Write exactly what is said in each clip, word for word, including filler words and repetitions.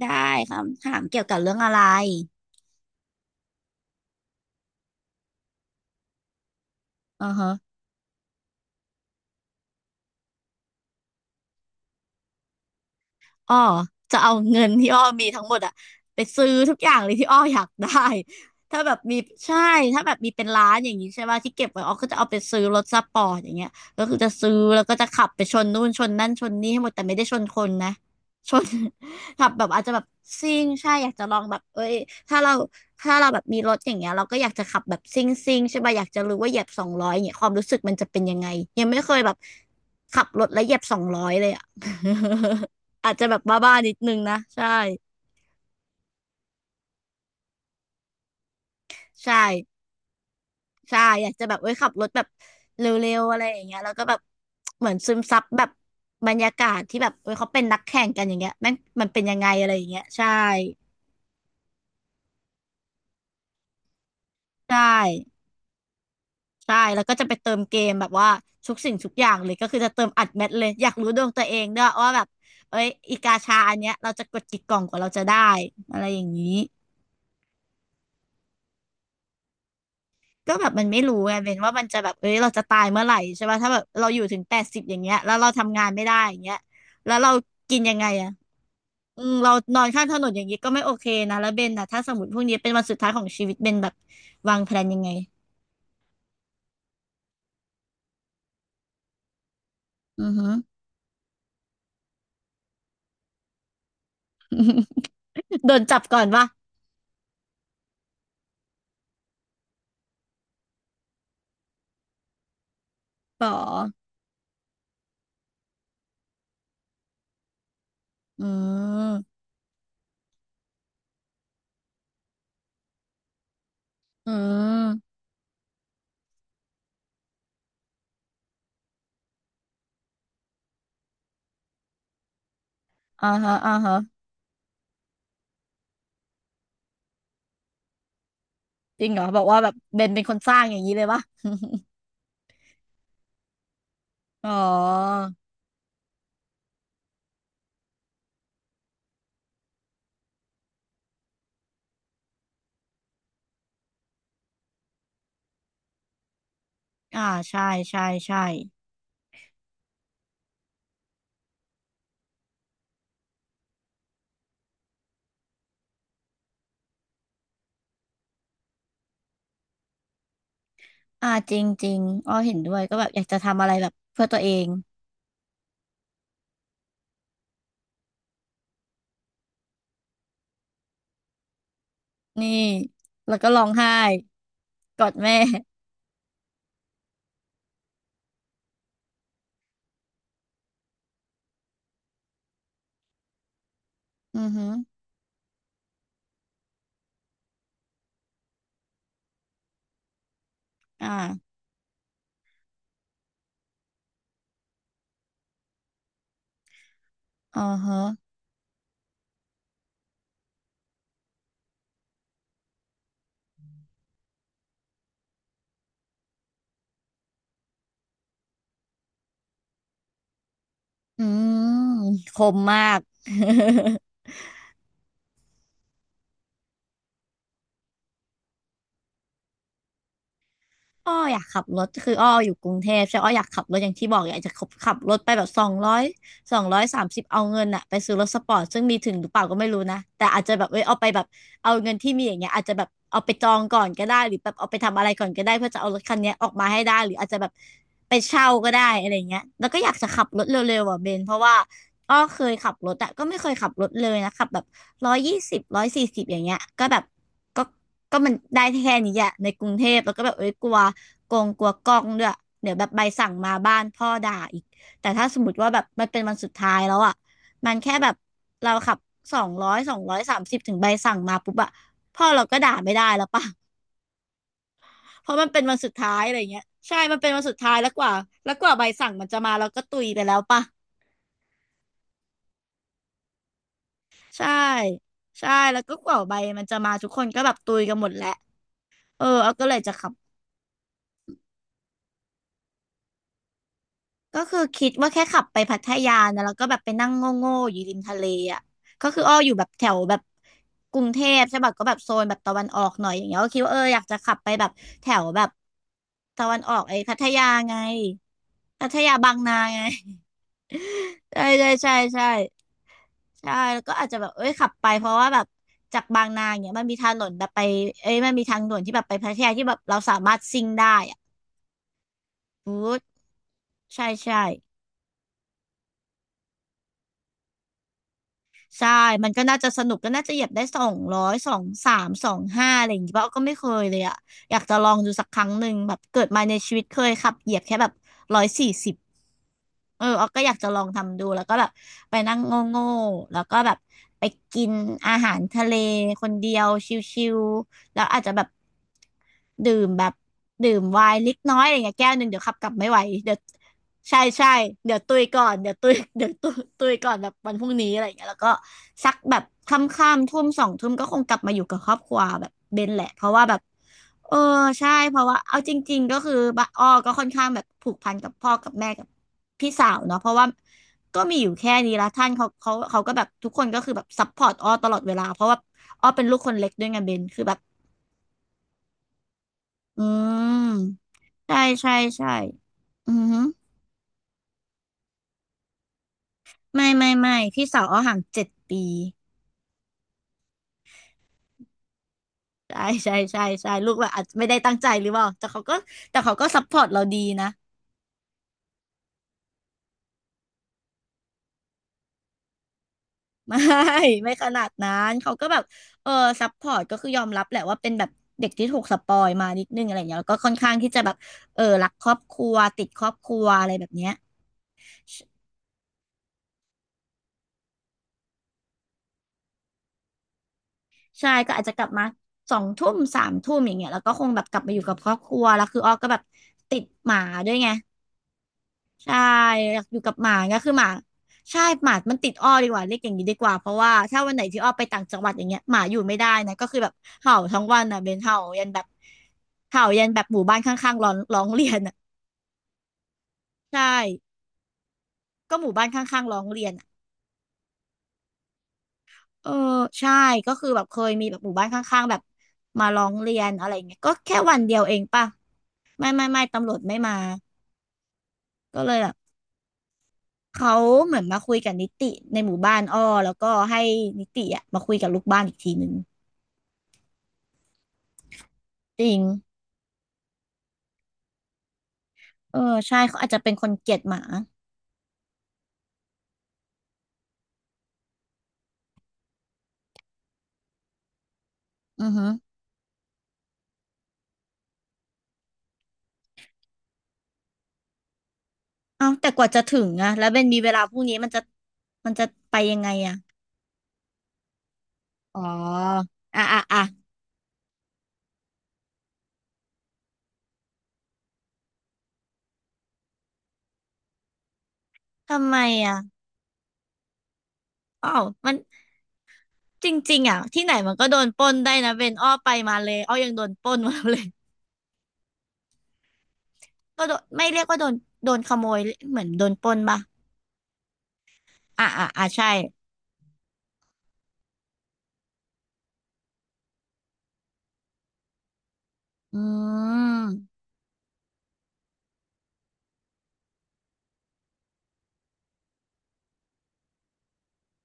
ได้คำถามเกี่ยวกับเรื่องอะไรอือฮะ อ้อจะเอาเงินที่อ้อมีทั้งหมดอะไปซื้อทุกอย่างเลยที่อ้ออยากได้ถ้าแบบมีใช่ถ้าแบบมีเป็นร้านอย่างนี้ใช่ป่ะที่เก็บไว้อ้อก็จะเอาไปซื้อรถสปอร์ตอย่างเงี้ยก็คือจะซื้อแล้วก็จะขับไปชนนู่นชนนั่นชนนี่ให้หมดแต่ไม่ได้ชนคนนะชน ขับแบบอาจจะแบบซิ่งใช่อยากจะลองแบบเอ้ยถ้าเราถ้าเราแบบมีรถอย่างเงี้ยเราก็อยากจะขับแบบซิ่งซิ่งใช่ป่ะอยากจะรู้ว่าเหยียบสองร้อยอย่างเงี้ยความรู้สึกมันจะเป็นยังไงยังไม่เคยแบบขับรถแล้วเหยียบสองร้อยเลยอะ อาจจะแบบบ้าๆนิดนึงนะใช่ใช่ใช่อยากจะแบบเว้ยขับรถแบบเร็วๆอะไรอย่างเงี้ยแล้วก็แบบเหมือนซึมซับแบบบรรยากาศที่แบบเว้ยเขาเป็นนักแข่งกันอย่างเงี้ยแม่งมันเป็นยังไงอะไรอย่างเงี้ยใช่ใช่ใช่แล้วก็จะไปเติมเกมแบบว่าทุกสิ่งทุกอย่างเลยก็คือจะเติมอัดแมทเลยอยากรู้ดวงตัวเองด้วยว่าแบบเอ้ยอีกาชาอันเนี้ยเราจะกดกี่กล่องกว่าเราจะได้อะไรอย่างนี้ ก็แบบมันไม่รู้ไงเป็นว่ามันจะแบบเอ้ยเราจะตายเมื่อไหร่ใช่ป่ะถ้าแบบเราอยู่ถึงแปดสิบอย่างเงี้ยแล้วเราทำงานไม่ได้อย่างเงี้ยแล้วเรากินยังไงอ่ะอืมเรานอนข้างถนนอย่างนี้ก็ไม่โอเคนะแล้วเบนนะถ้าสมมติพวกนี้เป็นวันสุดท้ายของชีวิตเบนแบบวางแผนยังไงอือฮึ โดนจับก่อนป่ะป๋ออืมอืมอ่าฮะอ่าฮะจริงเหรอบอกว่าแบบเบนเป็นคนสร้างอย่างนี้เลยป่ะอ๋ออ่าใช่ใช่ใช่ อ่าจริงจริงอ้อเห็นด้วยก็แบบอยากจะทำอะไรแบบเพื่อตัวเองนี่แล้วก็ร้องไห้กอดแม่อือฮึอ่าอ๋อฮะอืมคมมาก อ้ออยากขับรถคืออ้ออยู่กรุงเทพใช่อ้ออยากขับรถอย่างที่บอกอยากจะขับขับรถไปแบบสองร้อยสองร้อยสามสิบเอาเงินอะไปซื้อรถสปอร์ตซึ่งมีถึงหรือเปล่าก็ไม่รู้นะแต่อาจจะแบบเอ้ยเอาไปแบบเอาเงินที่มีอย่างเงี้ยอาจจะแบบเอาไปจองก่อนก็ได้หรือแบบเอาไปทำอะไรก่อนก็ได้เพื่อจะเอารถคันเนี้ยออกมาให้ได้หรืออาจจะแบบไปเช่าก็ได้อะไรเงี้ยแล้วก็อยากจะขับรถเร็วๆอ่ะเบนเพราะว่า อ้อเคยขับรถอะก็ไม่เคยขับรถเลยนะขับแบบร้อยยี่สิบร้อยสี่สิบอย่างเงี้ยก็แบบก็ก็มันได้แค่นี้อะในกรุงเทพแล้วก็แบบเอ้ยกลัวโกงกลัวกล้องด้วยเดี๋ยวแบบใบสั่งมาบ้านพ่อด่าอีกแต่ถ้าสมมติว่าแบบมันเป็นวันสุดท้ายแล้วอะมันแค่แบบเราขับสองร้อยสองร้อยสามสิบถึงใบสั่งมาปุ๊บอะพ่อเราก็ด่าไม่ได้แล้วป่ะ เพราะมันเป็นวันสุดท้ายอะไรเงี้ยใช่มันเป็นวันสุดท้ายแล้วกว่าแล้วกว่าใบสั่งมันจะมาเราก็ตุยไปแล้วป่ะ ใช่ใช่แล้วก็กว่าใบมันจะมาทุกคนก็แบบตุยกันหมดแหละเออเอาก็เลยจะขับก็คือคิดว่าแค่ขับไปพัทยานะแล้วก็แบบไปนั่งโง่ๆอยู่ริมทะเลอ่ะก็คืออ้ออยู่แบบแถวแบบกรุงเทพใช่ปะก็แบบโซนแบบตะวันออกหน่อยอย่างเงี้ยก็คิดว่าเอออยากจะขับไปแบบแถวแบบตะวันออกไอ้พัทยาไงพัทยาบางนาไงใช่ใช่ใช่ใช่ ใช่แล้วก็อาจจะแบบเอ้ยขับไปเพราะว่าแบบจากบางนาอย่างเงี้ยมันมีถนนแบบไปเอ้ยมันมีทางด่วนที่แบบไปพัทยาที่แบบเราสามารถซิ่งได้อะฟูดใช่ใช่ใช่มันก็น่าจะสนุกก็น่าจะเหยียบได้สองร้อยสองสามสองห้าอะไรอย่างงี้ป่ะก็ไม่เคยเลยอะอยากจะลองดูสักครั้งหนึ่งแบบเกิดมาในชีวิตเคยขับเหยียบแค่แบบร้อยสี่สิบ เออออกก็อยากจะลองทำดูแล้วก็แบบไปนั่งโง่โง่แล้วก็แบบไปกินอาหารทะเลคนเดียวชิวๆแล้วอาจจะแบบดื่มแบบดื่มไวน์เล็กน้อยอะไรเงี้ยแก้วหนึ่งเดี๋ยวขับกลับไม่ไหวเดี๋ยวใช่ใช่เดี๋ยวตุยก่อนเดี๋ยวตุยเดี๋ยวตุยตุยก่อนแบบวันพรุ่งนี้อะไรเงี้ยแล้วก็สักแบบค่ำๆทุ่มสองทุ่มก็คงกลับมาอยู่กับครอบครัวแบบเบนแหละเพราะว่าแบบเออใช่เพราะว่าเอาจริงๆก็คือบะอ้อก็ค่อนข้างแบบผูกพันกับพ่อกับแม่กับ พี่สาวเนาะเพราะว่าก็มีอยู่แค่นี้ละท่านเขาเขาเขาก็แบบทุกคนก็คือแบบซัพพอร์ตอ้อตลอดเวลาเพราะว่าอ้อเป็นลูกคนเล็กด้วยไงเบนคือแบบอืมใช่ใช่ใช่อือหือไม่ไม่ไม่พี่สาวอ้อห่างเจ็ดปีใช่ใช่ใช่ใช่ลูกแบบอาจจะไม่ได้ตั้งใจหรือเปล่าแต่เขาก็แต่เขาก็ซัพพอร์ตเราดีนะ ไม่ ไม่ขนาดนั้นเขาก็แบบเออซัพพอร์ตก็คือยอมรับแหละว่าเป็นแบบเด็กที่ถูกสปอยมานิดนึงอะไรอย่างเงี้ยแล้วก็ค่อนข้างที่จะแบบเออรักครอบครัวติดครอบครัวอะไรแบบเนี้ยใชใช่ก็อาจจะกลับมาสองทุ่มสามทุ่มอย่างเงี้ยแล้วก็คงแบบกลับมาอยู่กับครอบครัวแล้วคืออ้อก็แบบติดหมาด้วยไง ใช่อยากอยู่กับหมาก็คือหมาใช่หมามันติดอ้อดีกว่าเรียกอย่างนี้ดีกว่าเพราะว่าถ้าวันไหนที่อ้อไปต่างจังหวัดอย่างเงี้ยหมาอยู่ไม่ได้นะก็คือแบบเห่าทั้งวันอ่ะเบนเห่ายันแบบเห่ายันแบบหมู่บ้านข้างๆร้องร้องเรียนอ่ะใช่ก็หมู่บ้านข้างๆร้องเรียนอะเออใช่ก็คือแบบเคยมีแบบหมู่บ้านข้างๆแบบมาร้องเรียนอะไรเงี้ยก็แค่วันเดียวเองป่ะไม่ไม่ไม่ตำรวจไม่มาก็เลยแบบเขาเหมือนมาคุยกับนิติในหมู่บ้านอ้อแล้วก็ให้นิติอะมาคุยกับลูกบ้านอีกทีหนึง จริงเออใช่เขาอาจจะเป็นคนเกลียดหมาอือฮึเอ้าแต่กว่าจะถึงอะแล้วเบนมีเวลาพรุ่งนี้มันจะมันจะไปยังไงอะอ๋ออ่ะอ่ะอ่ะทำไมอะอ้าวมันจริงๆอะที่ไหนมันก็โดนปล้นได้นะเบนอ้อไปมาเลยอ้อยังโดนปล้นมาเลยก็โดนไม่เรียกว่าโดนโดนขโมยเหมือนโดนปล้นป่ะอ่ะอ่ะอ่ะใช่อืม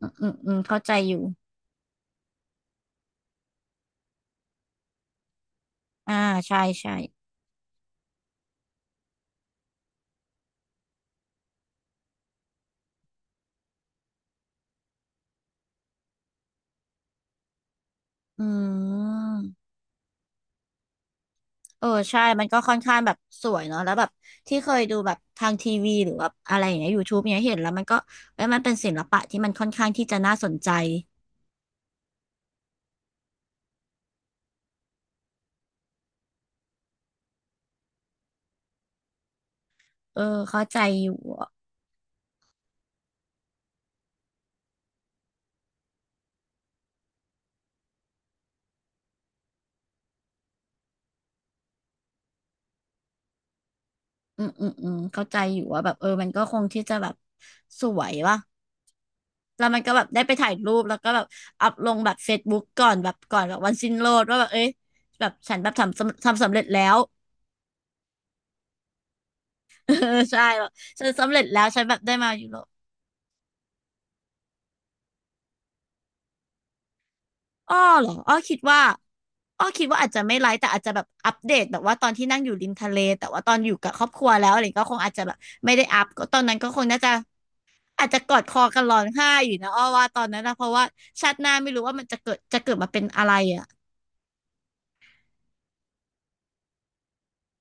อืมอืมอืมเข้าใจอยู่อ่าใช่ใช่อืม เออใช่มันก็ค่อนข้างแบบสวยเนาะแล้วแบบที่เคยดูแบบทางทีวีหรือว่าอะไรอย่างเงี้ยยูทูบเนี้ยเห็นแล้วมันก็เอ้ยมันเป็นศิลปะที่มันค่อนข้างที่จะน่าสนใจเออเข้าใจอยู่อะอืมอืมอืมเข้าใจอยู่ว่าแบบเออมันก็คงที่จะแบบสวยว่ะแล้วมันก็แบบได้ไปถ่ายรูปแล้วก็แบบอัพลงแบบเฟซบุ๊กก่อนแบบก่อนแบบวันสิ้นโลกว่าแบบเอ้ยแบบฉันแบบทำสำทำสำเร็จแล้ว เออใช่แบบฉันสำเร็จแล้วฉันแบบได้มายูโร อ้อเหรออ้อคิดว่าอ้อคิดว่าอาจจะไม่ไลฟ์แต่อาจจะแบบอัปเดตแบบว่าตอนที่นั่งอยู่ริมทะเลแต่ว่าตอนอยู่กับครอบครัวแล้วอะไรก็คงอาจจะแบบไม่ได้อัพก็ตอนนั้นก็คงน่าจะอาจจะกอดคอกันร้องไห้อยู่นะอ้อว่าตอนนั้นนะเพราะว่าชาติหน้าไม่รู้ว่ามันจะเกิดจะเกิดมาเป็นอะไรอ่ะ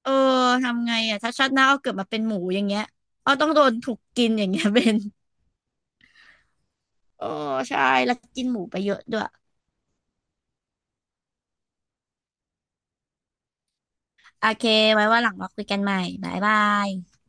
เออทำไงอ่ะถ้าชาติหน้าอ้อเกิดมาเป็นหมูอย่างเงี้ยอ้อต้องโดนถูกกินอย่างเงี้ย เป็นโอ้ใช่แล้วกินหมูไปเยอะด้วยโอเคไว้ว่าหลังมาคุยกันใหม่บ๊ายบาย